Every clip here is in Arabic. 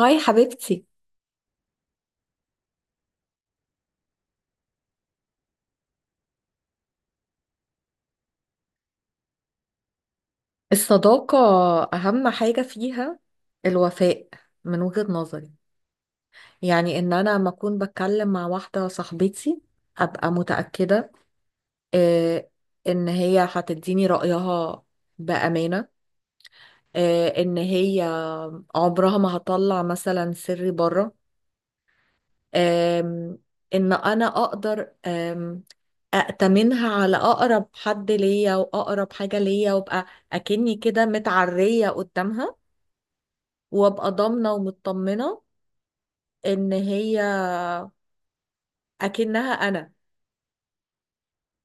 هاي حبيبتي. الصداقة، أهم حاجة فيها الوفاء من وجهة نظري. يعني إن أنا لما أكون بتكلم مع واحدة صاحبتي أبقى متأكدة، آه، إن هي هتديني رأيها بأمانة، إن هي عمرها ما هطلع مثلا سري بره، آم، إن أنا أقدر أأتمنها على أقرب حد ليا وأقرب حاجة ليا، وأبقى أكني كده متعرية قدامها، وابقى ضامنة ومطمنة ان هي اكنها انا.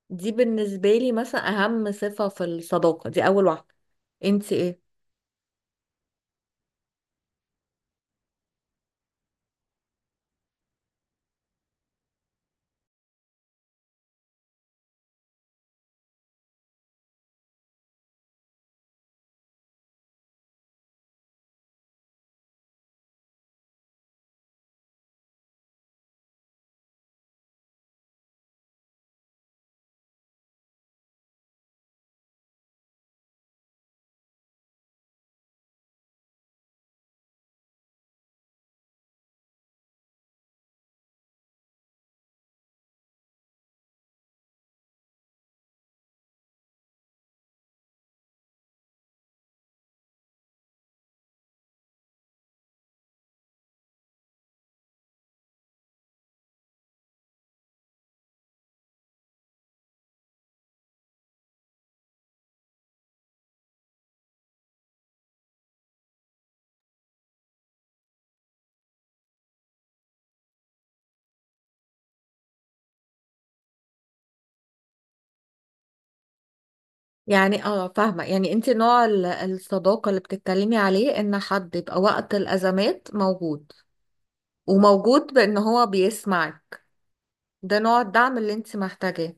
دي بالنسبة لي مثلا اهم صفة في الصداقة، دي اول واحدة. انت ايه؟ يعني فاهمة، يعني انت نوع الصداقة اللي بتتكلمي عليه، ان حد يبقى وقت الازمات موجود، وموجود بان هو بيسمعك. ده نوع الدعم اللي انت محتاجاه،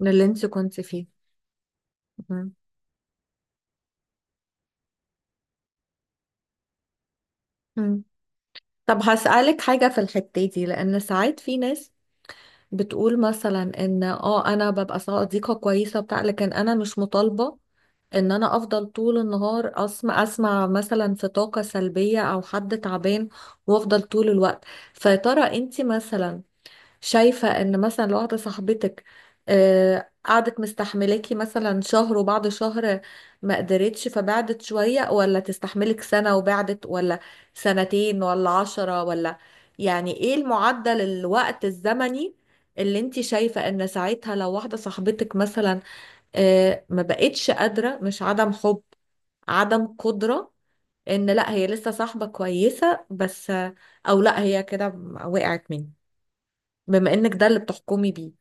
من اللي انت كنت فيه. مهم. مم. طب هسألك حاجة في الحتة دي، لأن ساعات في ناس بتقول مثلا ان اه انا ببقى صديقة كويسة بتاع، لكن انا مش مطالبة ان انا افضل طول النهار اسمع اسمع مثلا في طاقة سلبية او حد تعبان وافضل طول الوقت. فيا ترى انت مثلا شايفة ان مثلا لو واحدة صاحبتك قعدت مستحملاكي مثلا شهر، وبعد شهر ما قدرتش فبعدت شوية، ولا تستحملك سنة وبعدت، ولا سنتين ولا 10 ولا... يعني ايه المعدل، الوقت الزمني اللي انت شايفة ان ساعتها لو واحدة صاحبتك مثلا ما بقتش قادرة، مش عدم حب، عدم قدرة، ان لا هي لسه صاحبة كويسة بس، او لا هي كده وقعت مني، بما انك ده اللي بتحكمي بيه.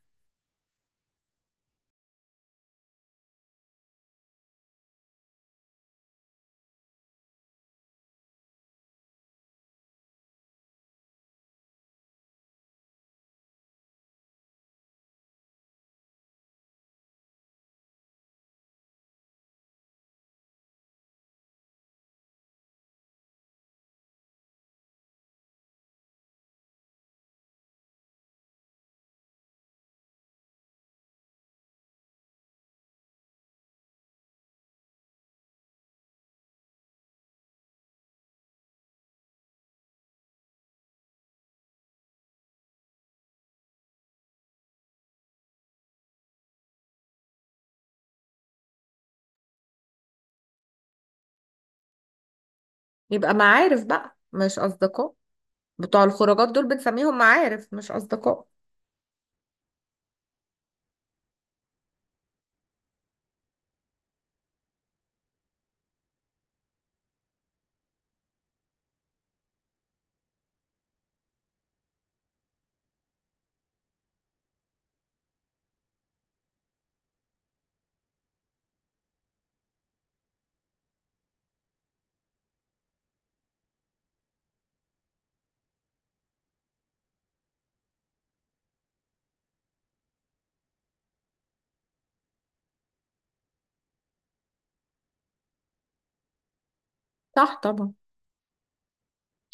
يبقى معارف بقى مش أصدقاء، بتوع الخروجات دول بنسميهم معارف مش أصدقاء. صح طبعا،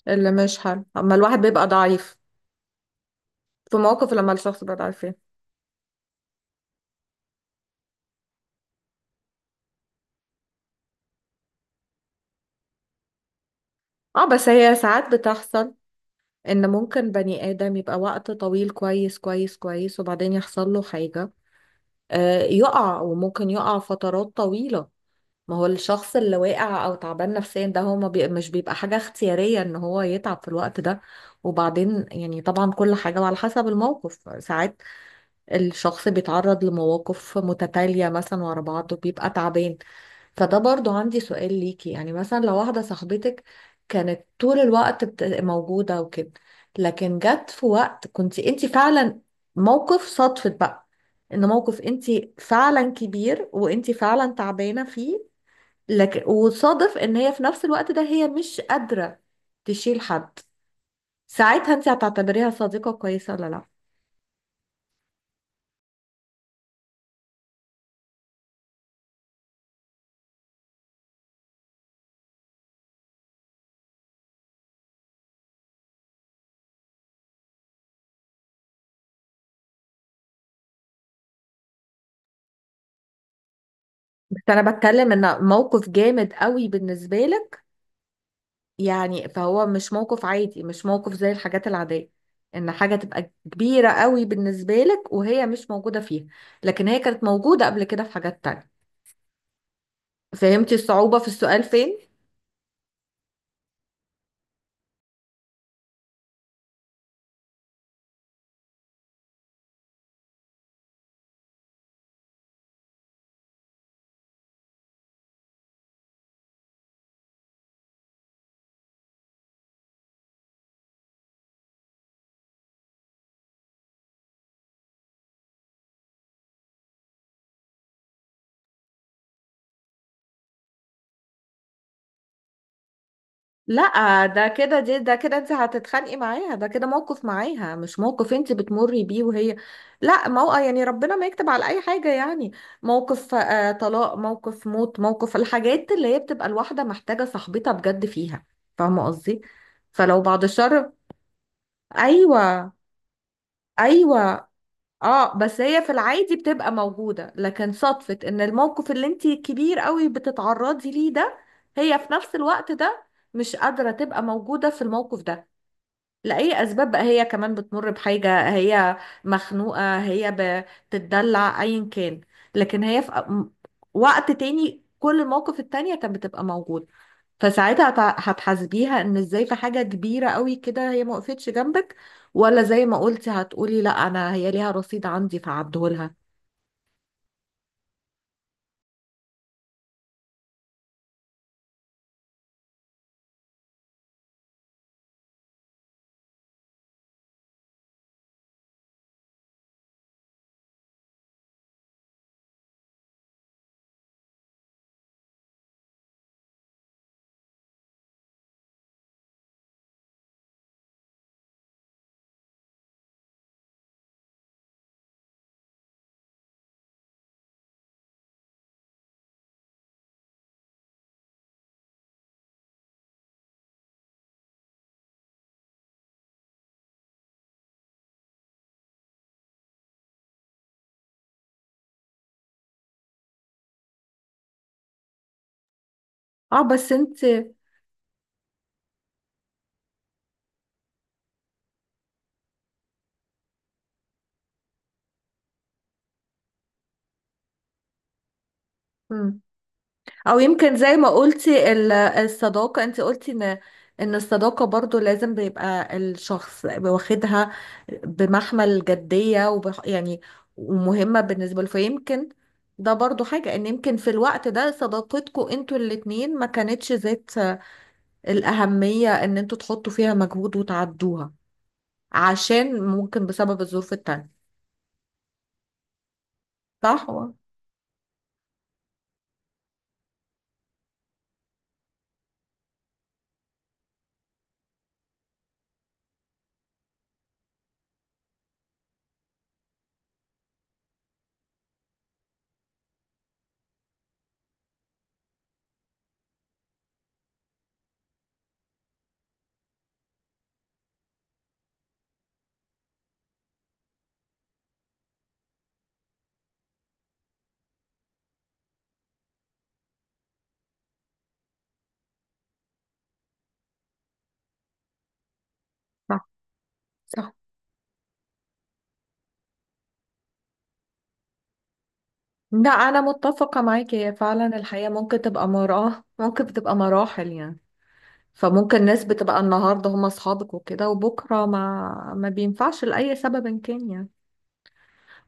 اللي مش حلو أما الواحد بيبقى ضعيف، في مواقف لما الشخص بيبقى ضعيف فيها. اه بس هي ساعات بتحصل، إن ممكن بني آدم يبقى وقت طويل كويس كويس كويس، وبعدين يحصل له حاجة، آه يقع، وممكن يقع فترات طويلة. ما هو الشخص اللي واقع أو تعبان نفسيا ده هو ما بي... مش بيبقى حاجة اختيارية إن هو يتعب في الوقت ده. وبعدين يعني طبعا كل حاجة وعلى حسب الموقف، ساعات الشخص بيتعرض لمواقف متتالية مثلا ورا بعض وبيبقى تعبان. فده برضو عندي سؤال ليكي، يعني مثلا لو واحدة صاحبتك كانت طول الوقت موجودة وكده، لكن جت في وقت كنت انت فعلا... موقف صدفة بقى، ان موقف انت فعلا كبير وانت فعلا تعبانة فيه، لكن وصادف ان هي في نفس الوقت ده هي مش قادرة تشيل حد، ساعتها انت هتعتبريها صديقة كويسة ولا لا؟ بس انا بتكلم ان موقف جامد قوي بالنسبه لك، يعني فهو مش موقف عادي، مش موقف زي الحاجات العاديه، ان حاجه تبقى كبيره قوي بالنسبه لك وهي مش موجوده فيها، لكن هي كانت موجوده قبل كده في حاجات تانية. فهمتي الصعوبه في السؤال فين؟ لا ده كده، دي ده كده انت هتتخانقي معاها، ده كده موقف معاها مش موقف انت بتمري بيه وهي... لا، موقف يعني ربنا ما يكتب على اي حاجة يعني، موقف طلاق، موقف موت، موقف الحاجات اللي هي بتبقى الواحدة محتاجة صاحبتها بجد فيها. فاهمة قصدي؟ فلو بعد الشر. ايوه، ايوه. اه بس هي في العادي بتبقى موجودة، لكن صدفة ان الموقف اللي انت كبير قوي بتتعرضي ليه ده، هي في نفس الوقت ده مش قادرة تبقى موجودة في الموقف ده، لأي أسباب بقى، هي كمان بتمر بحاجة، هي مخنوقة، هي بتتدلع، أيا كان. لكن هي في وقت تاني كل المواقف التانية كانت بتبقى موجودة، فساعتها هتحاسبيها إن إزاي في حاجة كبيرة قوي كده هي ما وقفتش جنبك، ولا زي ما قلتي هتقولي لا أنا هي ليها رصيد عندي فعبدهولها. اه بس انت... مم. او يمكن زي ما قلتي الصداقة، انت قلتي ان الصداقة برضو لازم بيبقى الشخص واخدها بمحمل جدية وبح يعني، ومهمة بالنسبة له، فيمكن ده برضو حاجة ان يمكن في الوقت ده صداقتكم انتوا الاتنين ما كانتش ذات الأهمية ان انتوا تحطوا فيها مجهود وتعدوها، عشان ممكن بسبب الظروف التانية. صح؟ صح. صح. لا أنا متفقة معاكي، هي فعلا الحياة ممكن تبقى مراحل، ممكن بتبقى مراحل يعني. فممكن ناس بتبقى النهارده هم اصحابك وكده، وبكره ما بينفعش لاي سبب كان يعني.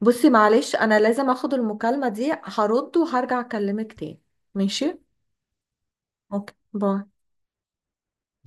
بصي معلش انا لازم اخد المكالمه دي، هرد وهرجع اكلمك تاني. ماشي. اوكي باي.